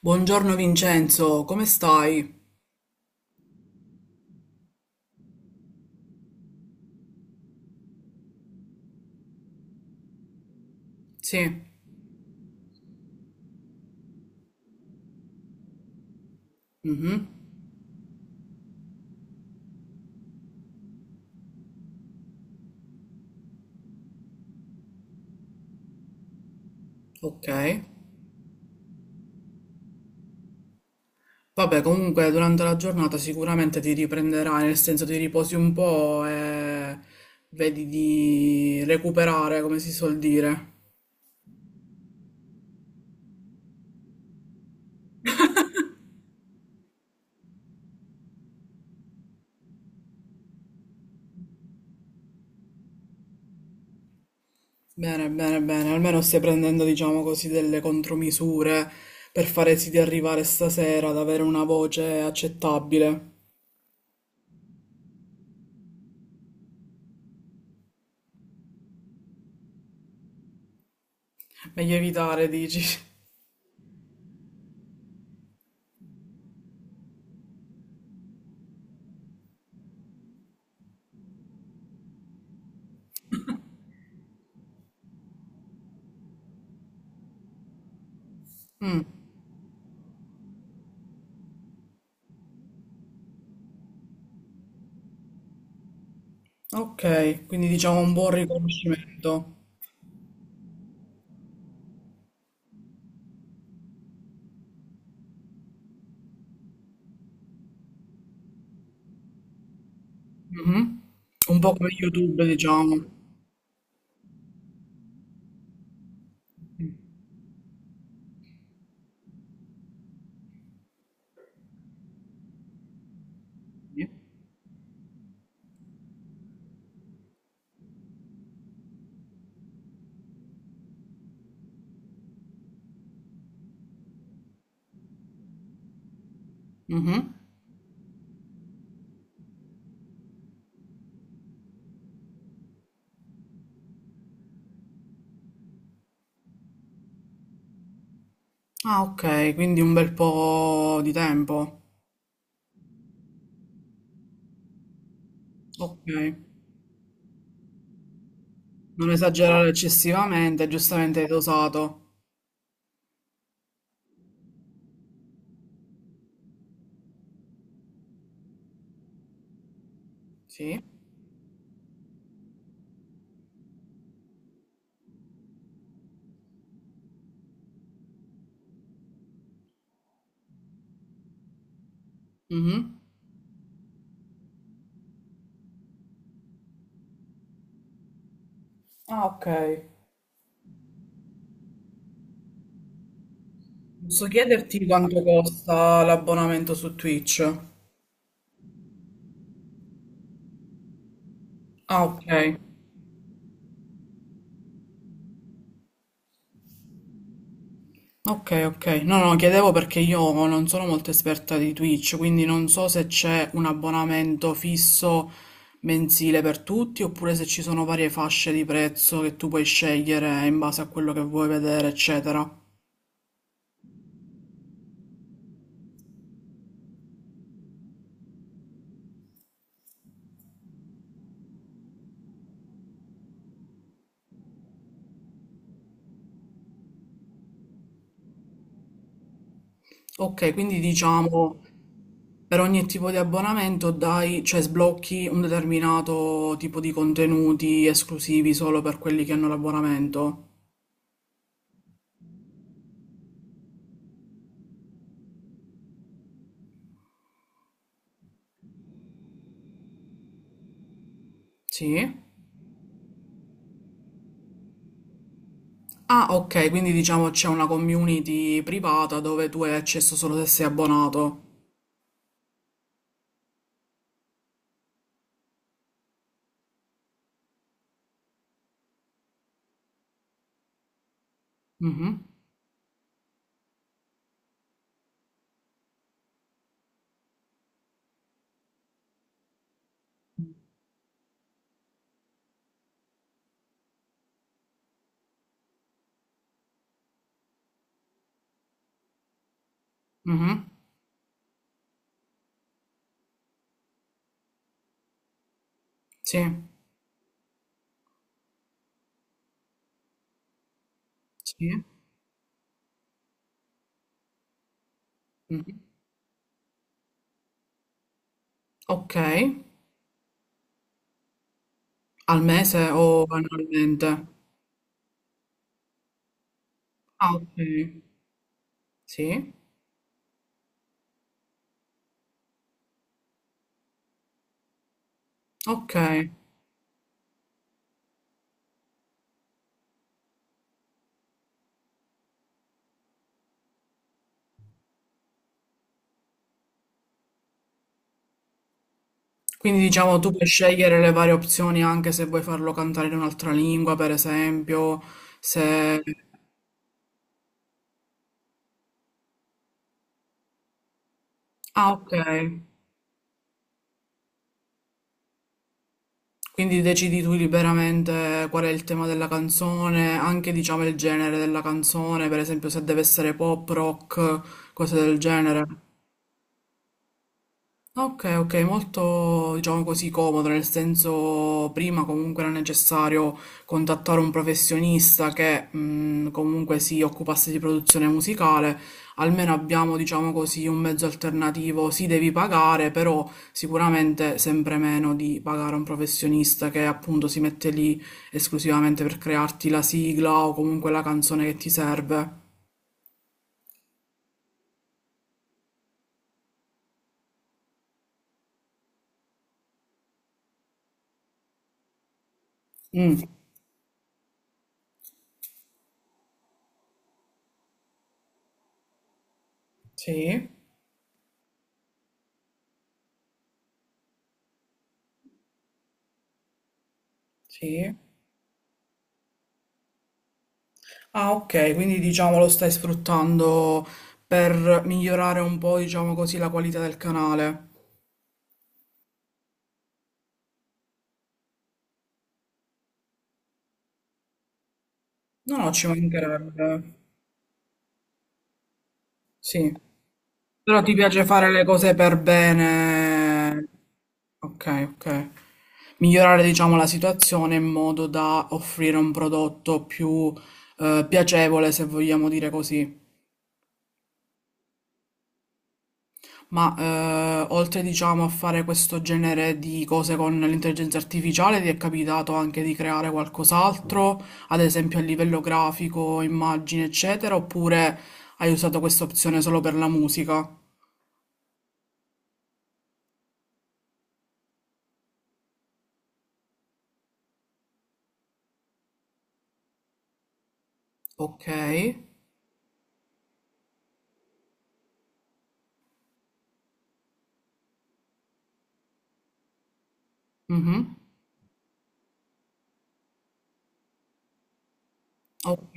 Buongiorno Vincenzo, come stai? Sì, mhm, ok. Vabbè, comunque durante la giornata sicuramente ti riprenderai, nel senso ti riposi un po' e vedi di recuperare, come si suol dire. Bene, bene, bene, almeno stai prendendo, diciamo così, delle contromisure per fare sì di arrivare stasera ad avere una voce accettabile. Meglio evitare, dici. Mm, ok, quindi diciamo un buon riconoscimento. Mh-mh. Un po' come YouTube, diciamo. Mh, sì. Mh-mh. Ah, okay, quindi un bel po' di tempo. Okay. Non esagerare eccessivamente, giustamente hai dosato. Sì. Mh-mh. Ah, okay. Posso chiederti quanto costa l'abbonamento su Twitch? Ah, okay. Ok, ok. No, no, chiedevo perché io non sono molto esperta di Twitch, quindi non so se c'è un abbonamento fisso mensile per tutti, oppure se ci sono varie fasce di prezzo che tu puoi scegliere in base a quello che vuoi vedere, eccetera. Ok, quindi diciamo per ogni tipo di abbonamento dai, cioè sblocchi un determinato tipo di contenuti esclusivi solo per quelli che hanno l'abbonamento. Sì? Ah, ok, quindi diciamo c'è una community privata dove tu hai accesso solo se sei abbonato. Mhm, mhm, sì, sì. Mhm. Ok, al mese o annualmente? Ah, ok, sì, ok. Quindi diciamo tu puoi scegliere le varie opzioni anche se vuoi farlo cantare in un'altra lingua, per esempio, se... Ah, ok, quindi decidi tu liberamente qual è il tema della canzone, anche diciamo il genere della canzone, per esempio se deve essere pop, rock, cose del genere. Ok, ok, molto diciamo così comodo, nel senso prima comunque era necessario contattare un professionista che comunque si occupasse di produzione musicale, almeno abbiamo diciamo così un mezzo alternativo, si devi pagare, però sicuramente sempre meno di pagare un professionista che appunto si mette lì esclusivamente per crearti la sigla o comunque la canzone che ti serve. Mm, sì, sì. Ah, ok, quindi diciamo lo stai sfruttando per migliorare un po', diciamo così, la qualità del canale. No, no, ci mancherebbe. Sì. Però ti piace fare le cose per bene. Ok, ok. Migliorare, diciamo, la situazione in modo da offrire un prodotto più piacevole, se vogliamo dire così. Ma oltre diciamo a fare questo genere di cose con l'intelligenza artificiale, ti è capitato anche di creare qualcos'altro, ad esempio a livello grafico, immagini, eccetera, oppure hai usato questa opzione solo per la musica? Ok, mhm, ok,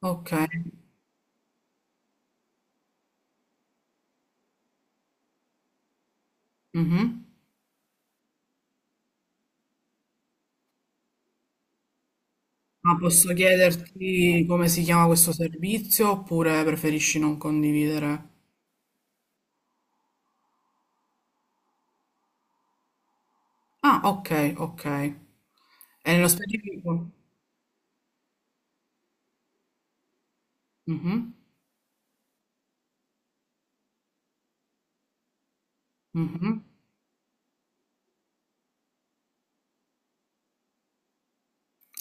ok, mhm. Ma posso chiederti come si chiama questo servizio oppure preferisci non condividere? Ah, ok, ok. E nello specifico? Mhm, mhm.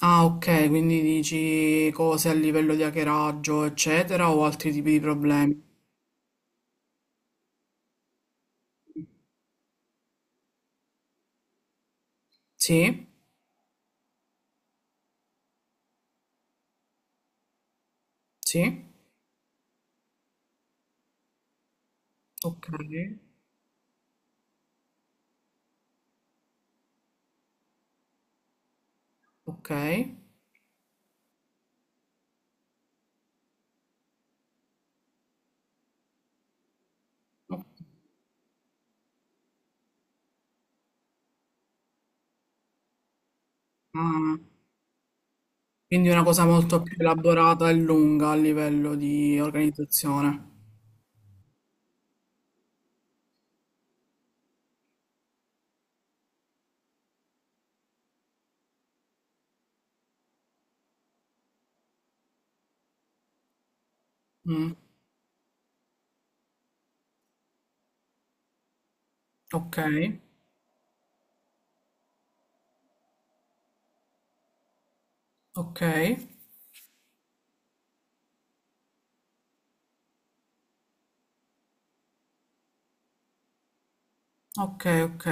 Ah, ok, quindi dici cose a livello di hackeraggio, eccetera, o altri tipi di problemi. Sì, sì, ok, ok. Ah, quindi una cosa molto più elaborata e lunga a livello di organizzazione. Mm, ok, ok, ok, ok.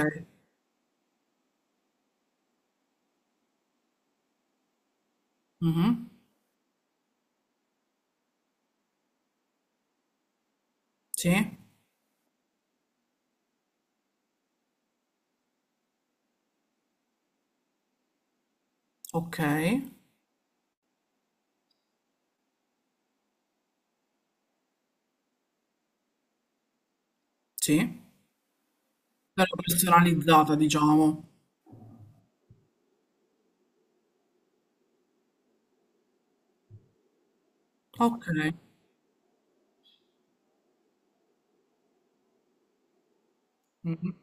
Mhm, sì, ok, sì. Però personalizzata, diciamo. Ok. Mhm,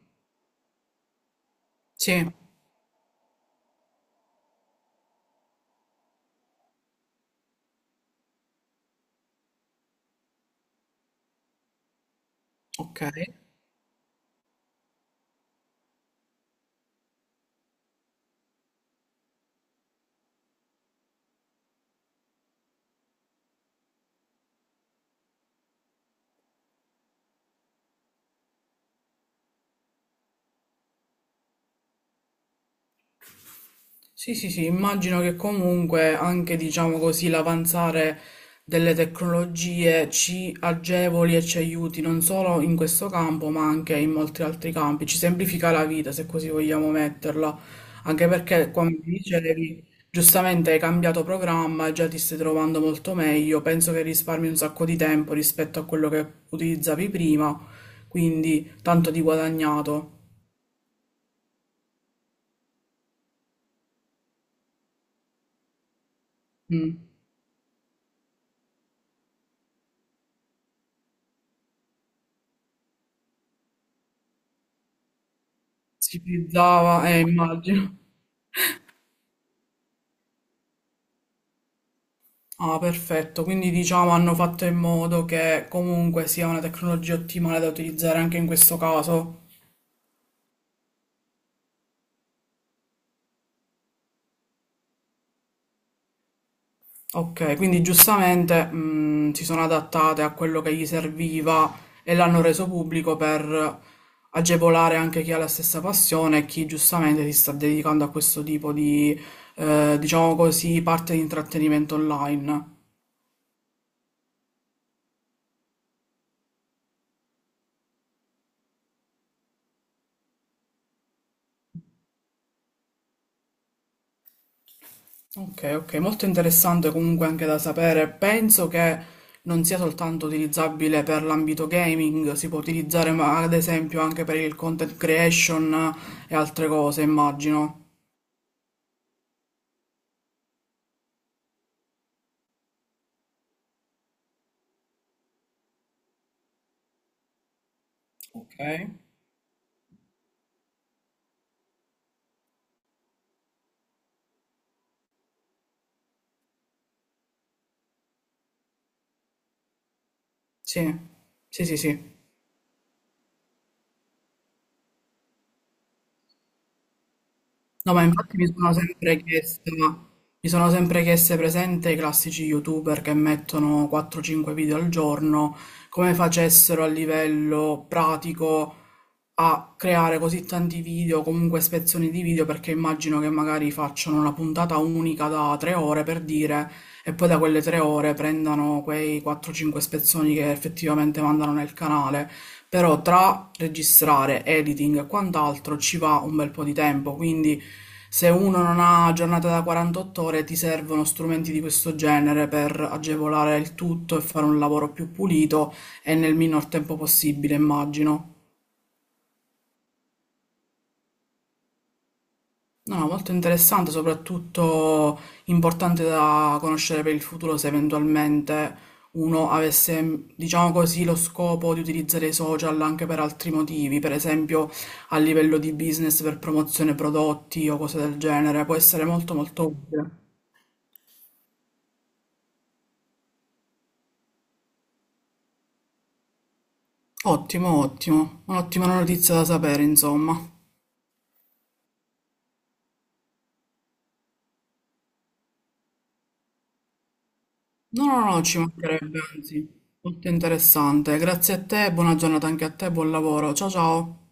sì, ok. Sì, sì, sì, immagino che comunque anche, diciamo così, l'avanzare delle tecnologie ci agevoli e ci aiuti non solo in questo campo, ma anche in molti altri campi. Ci semplifica la vita, se così vogliamo metterla. Anche perché, come dicevi, giustamente hai cambiato programma e già ti stai trovando molto meglio. Penso che risparmi un sacco di tempo rispetto a quello che utilizzavi prima, quindi tanto di guadagnato. Mm. Si utilizzava, immagino. Ah, perfetto. Quindi diciamo hanno fatto in modo che comunque sia una tecnologia ottimale da utilizzare anche in questo caso. Ok, quindi giustamente si sono adattate a quello che gli serviva e l'hanno reso pubblico per agevolare anche chi ha la stessa passione e chi giustamente si sta dedicando a questo tipo di, diciamo così, parte di intrattenimento online. Ok, ok, molto interessante comunque anche da sapere. Penso che non sia soltanto utilizzabile per l'ambito gaming, si può utilizzare ad esempio anche per il content creation e altre cose, immagino. Ok. Sì, sì, sì, sì. No, ma infatti mi sono sempre chiesta, mi sono sempre chieste presente i classici YouTuber che mettono 4-5 video al giorno, come facessero a livello pratico a creare così tanti video, comunque spezzoni di video, perché immagino che magari facciano una puntata unica da 3 ore per dire, e poi da quelle 3 ore prendano quei 4-5 spezzoni che effettivamente mandano nel canale però tra registrare, editing e quant'altro ci va un bel po' di tempo, quindi se uno non ha giornata da 48 ore ti servono strumenti di questo genere per agevolare il tutto e fare un lavoro più pulito e nel minor tempo possibile, immagino. No, no, molto interessante, soprattutto importante da conoscere per il futuro se eventualmente uno avesse, diciamo così, lo scopo di utilizzare i social anche per altri motivi, per esempio a livello di business per promozione prodotti o cose del genere, può essere molto molto utile. Ottimo, ottimo, un'ottima notizia da sapere, insomma. No, no, no, ci mancherebbe, anzi, molto interessante. Grazie a te, buona giornata anche a te, buon lavoro. Ciao ciao.